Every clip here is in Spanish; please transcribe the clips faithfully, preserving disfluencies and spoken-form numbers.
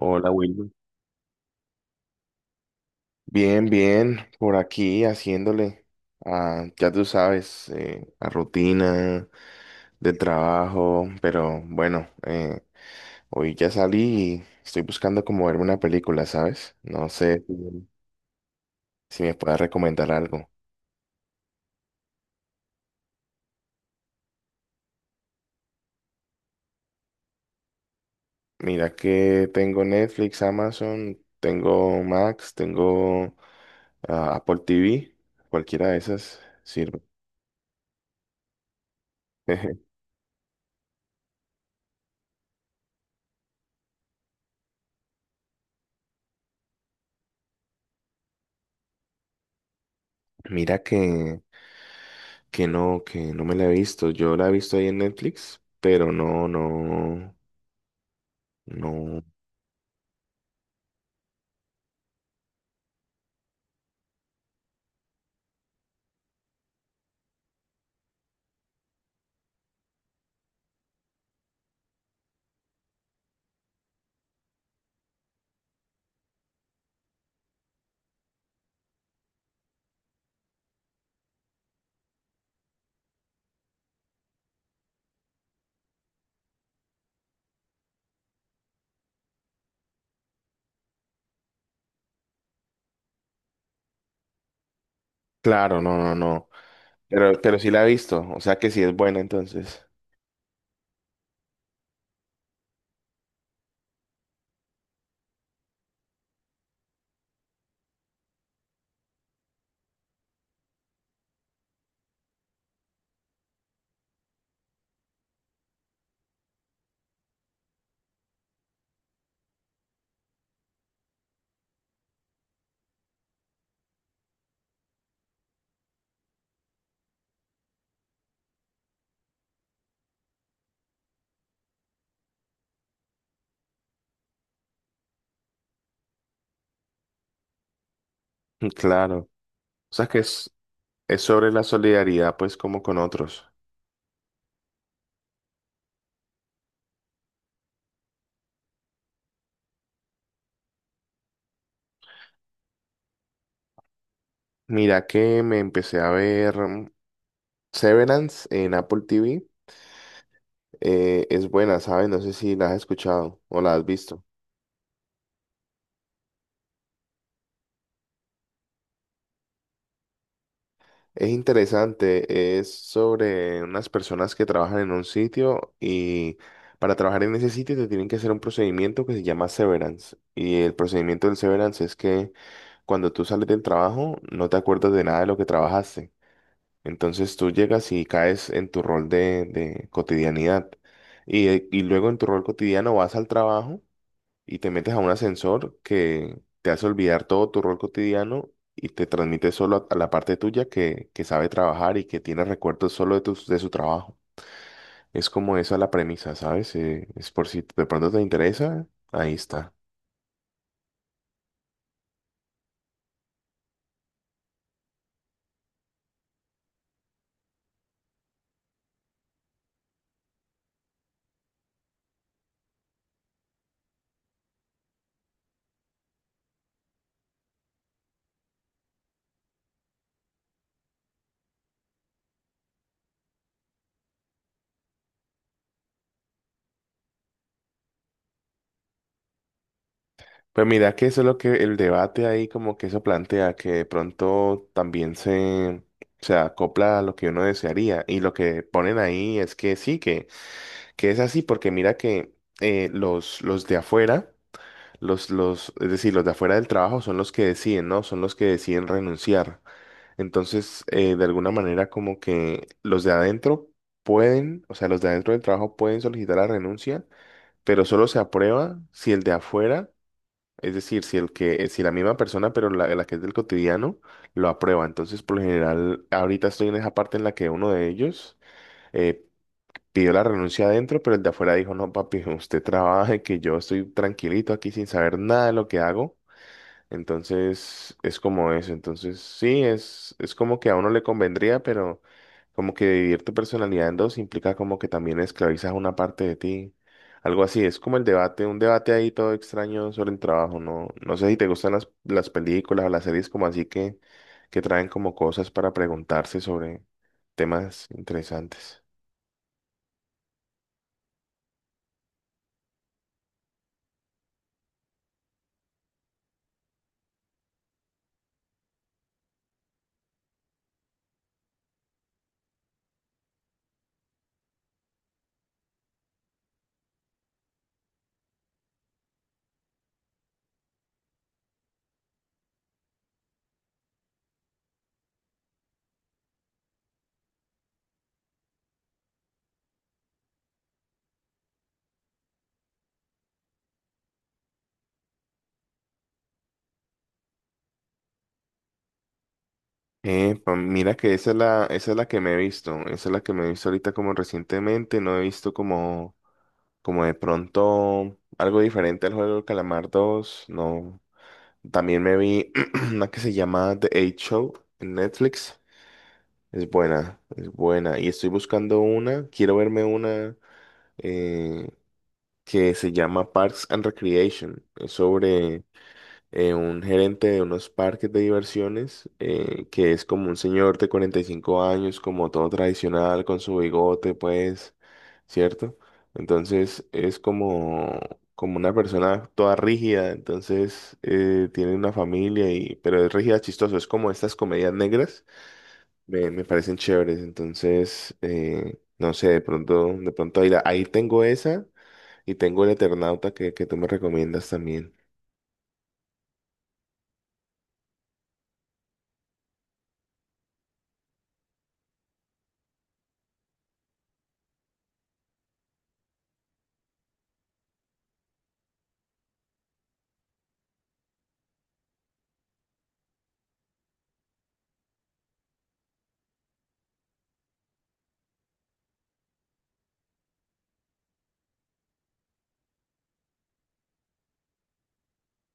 Hola, Wilmer. Bien, bien, por aquí haciéndole, a, ya tú sabes, eh, a rutina de trabajo, pero bueno, eh, hoy ya salí y estoy buscando como verme una película, ¿sabes? No sé si, si me puedas recomendar algo. Mira que tengo Netflix, Amazon, tengo Max, tengo ah, Apple T V, cualquiera de esas sirve. Mira que Que no, que no me la he visto. Yo la he visto ahí en Netflix, pero no, no, no. Claro, no, no, no. Pero, pero sí la he visto. O sea que sí es buena entonces. Claro. O sea que es, es sobre la solidaridad, pues, como con otros. Mira que me empecé a ver mm, Severance en Apple T V. Eh, es buena, ¿sabes? No sé si la has escuchado o la has visto. Es interesante, es sobre unas personas que trabajan en un sitio y para trabajar en ese sitio te tienen que hacer un procedimiento que se llama severance. Y el procedimiento del severance es que cuando tú sales del trabajo no te acuerdas de nada de lo que trabajaste. Entonces tú llegas y caes en tu rol de, de cotidianidad. Y, eh, y luego en tu rol cotidiano vas al trabajo y te metes a un ascensor que te hace olvidar todo tu rol cotidiano y te transmite solo a, la parte tuya que, que sabe trabajar y que tiene recuerdos solo de, tus- de su trabajo. Es como esa la premisa, ¿sabes? Eh, es por si de pronto te interesa, ahí está. Pues mira que eso es lo que el debate ahí como que eso plantea, que de pronto también se, se acopla a lo que uno desearía. Y lo que ponen ahí es que sí, que, que es así, porque mira que eh, los, los de afuera. Los, los, es decir, los de afuera del trabajo son los que deciden, ¿no? Son los que deciden renunciar. Entonces, eh, de alguna manera, como que los de adentro pueden, o sea, los de adentro del trabajo pueden solicitar la renuncia, pero solo se aprueba si el de afuera, es decir, si el que, eh, si la misma persona, pero la, la que es del cotidiano, lo aprueba. Entonces, por lo general, ahorita estoy en esa parte en la que uno de ellos eh, pidió la renuncia adentro, pero el de afuera dijo, no, papi, usted trabaje, que yo estoy tranquilito aquí sin saber nada de lo que hago. Entonces, es como eso. Entonces, sí, es, es como que a uno le convendría, pero como que dividir tu personalidad en dos implica como que también esclavizas una parte de ti. Algo así, es como el debate, un debate ahí todo extraño sobre el trabajo, ¿no? No sé si te gustan las, las películas o las series como así que, que traen como cosas para preguntarse sobre temas interesantes. Eh, pa- mira que esa es la, esa es la que me he visto, esa es la que me he visto ahorita como recientemente, no he visto como... Como de pronto algo diferente al juego del Calamar dos no. También me vi una que se llama The Eight Show en Netflix. Es buena, es buena. Y estoy buscando una, quiero verme una eh, que se llama Parks and Recreation. Es sobre eh, un gerente de unos parques de diversiones, eh, que es como un señor de cuarenta y cinco años, como todo tradicional, con su bigote, pues, ¿cierto? Entonces es como, como una persona toda rígida, entonces eh, tiene una familia, y, pero es rígida, chistoso, es como estas comedias negras, me, me parecen chéveres, entonces, eh, no sé, de pronto, de pronto ahí, la- ahí tengo esa. Y tengo el Eternauta que, que tú me recomiendas también.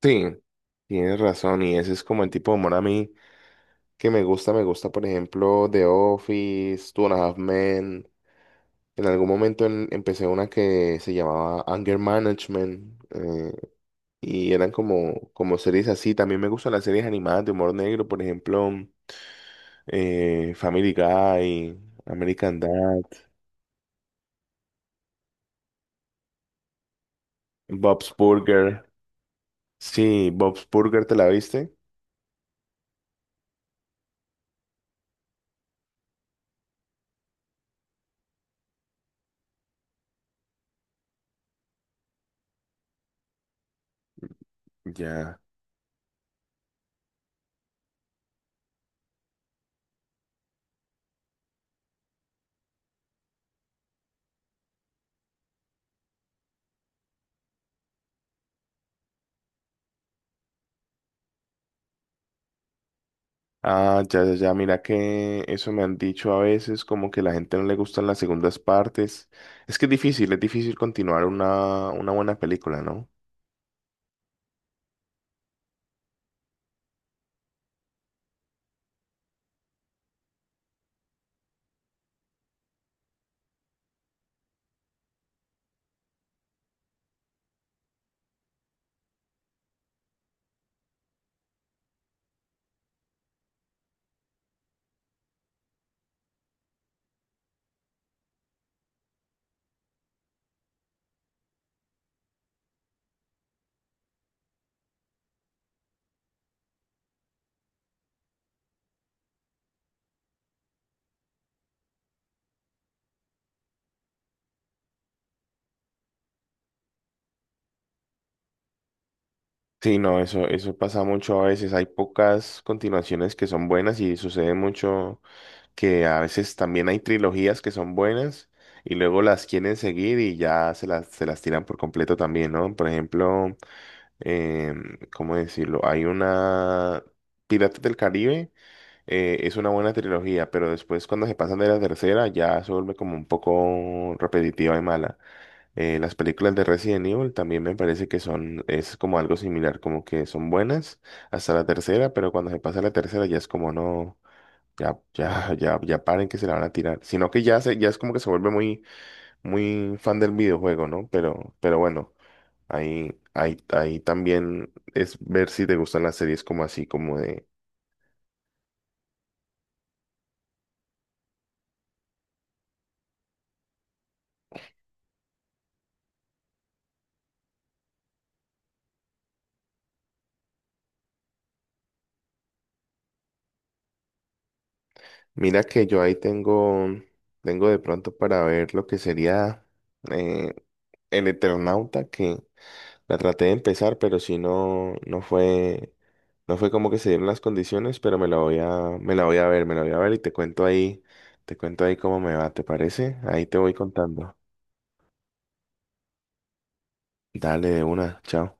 Sí, tienes razón, y ese es como el tipo de humor a mí que me gusta, me gusta, por ejemplo, The Office, Two and a Half Men. En algún momento en- empecé una que se llamaba Anger Management, eh, y eran como, como series así. También me gustan las series animadas de humor negro, por ejemplo, eh, Family Guy, American Dad, Bob's Burger. Sí, Bob's Burger, ¿te la viste? Ya. Ah, ya, ya, ya, mira que eso me han dicho a veces, como que la gente no le gustan las segundas partes. Es que es difícil, es difícil continuar una, una buena película, ¿no? Sí, no, eso, eso pasa mucho a veces. Hay pocas continuaciones que son buenas y sucede mucho que a veces también hay trilogías que son buenas y luego las quieren seguir y ya se las, se las tiran por completo también, ¿no? Por ejemplo, em, ¿cómo decirlo? Hay una Piratas del Caribe. Eh, es una buena trilogía, pero después cuando se pasan de la tercera ya se vuelve como un poco repetitiva y mala. Eh, las películas de Resident Evil también me parece que son, es como algo similar, como que son buenas hasta la tercera, pero cuando se pasa la tercera ya es como no, ya, ya, ya, ya paren que se la van a tirar. Sino que ya se, ya es como que se vuelve muy, muy fan del videojuego, ¿no? Pero, pero bueno, ahí, ahí, ahí también es ver si te gustan las series como así, como de. Mira que yo ahí tengo, tengo de pronto para ver lo que sería eh, el Eternauta, que la traté de empezar, pero si no, no fue, no fue como que se dieron las condiciones, pero me la voy a, me la voy a ver, me la voy a ver y te cuento ahí, te cuento ahí cómo me va, ¿te parece? Ahí te voy contando. Dale de una, chao.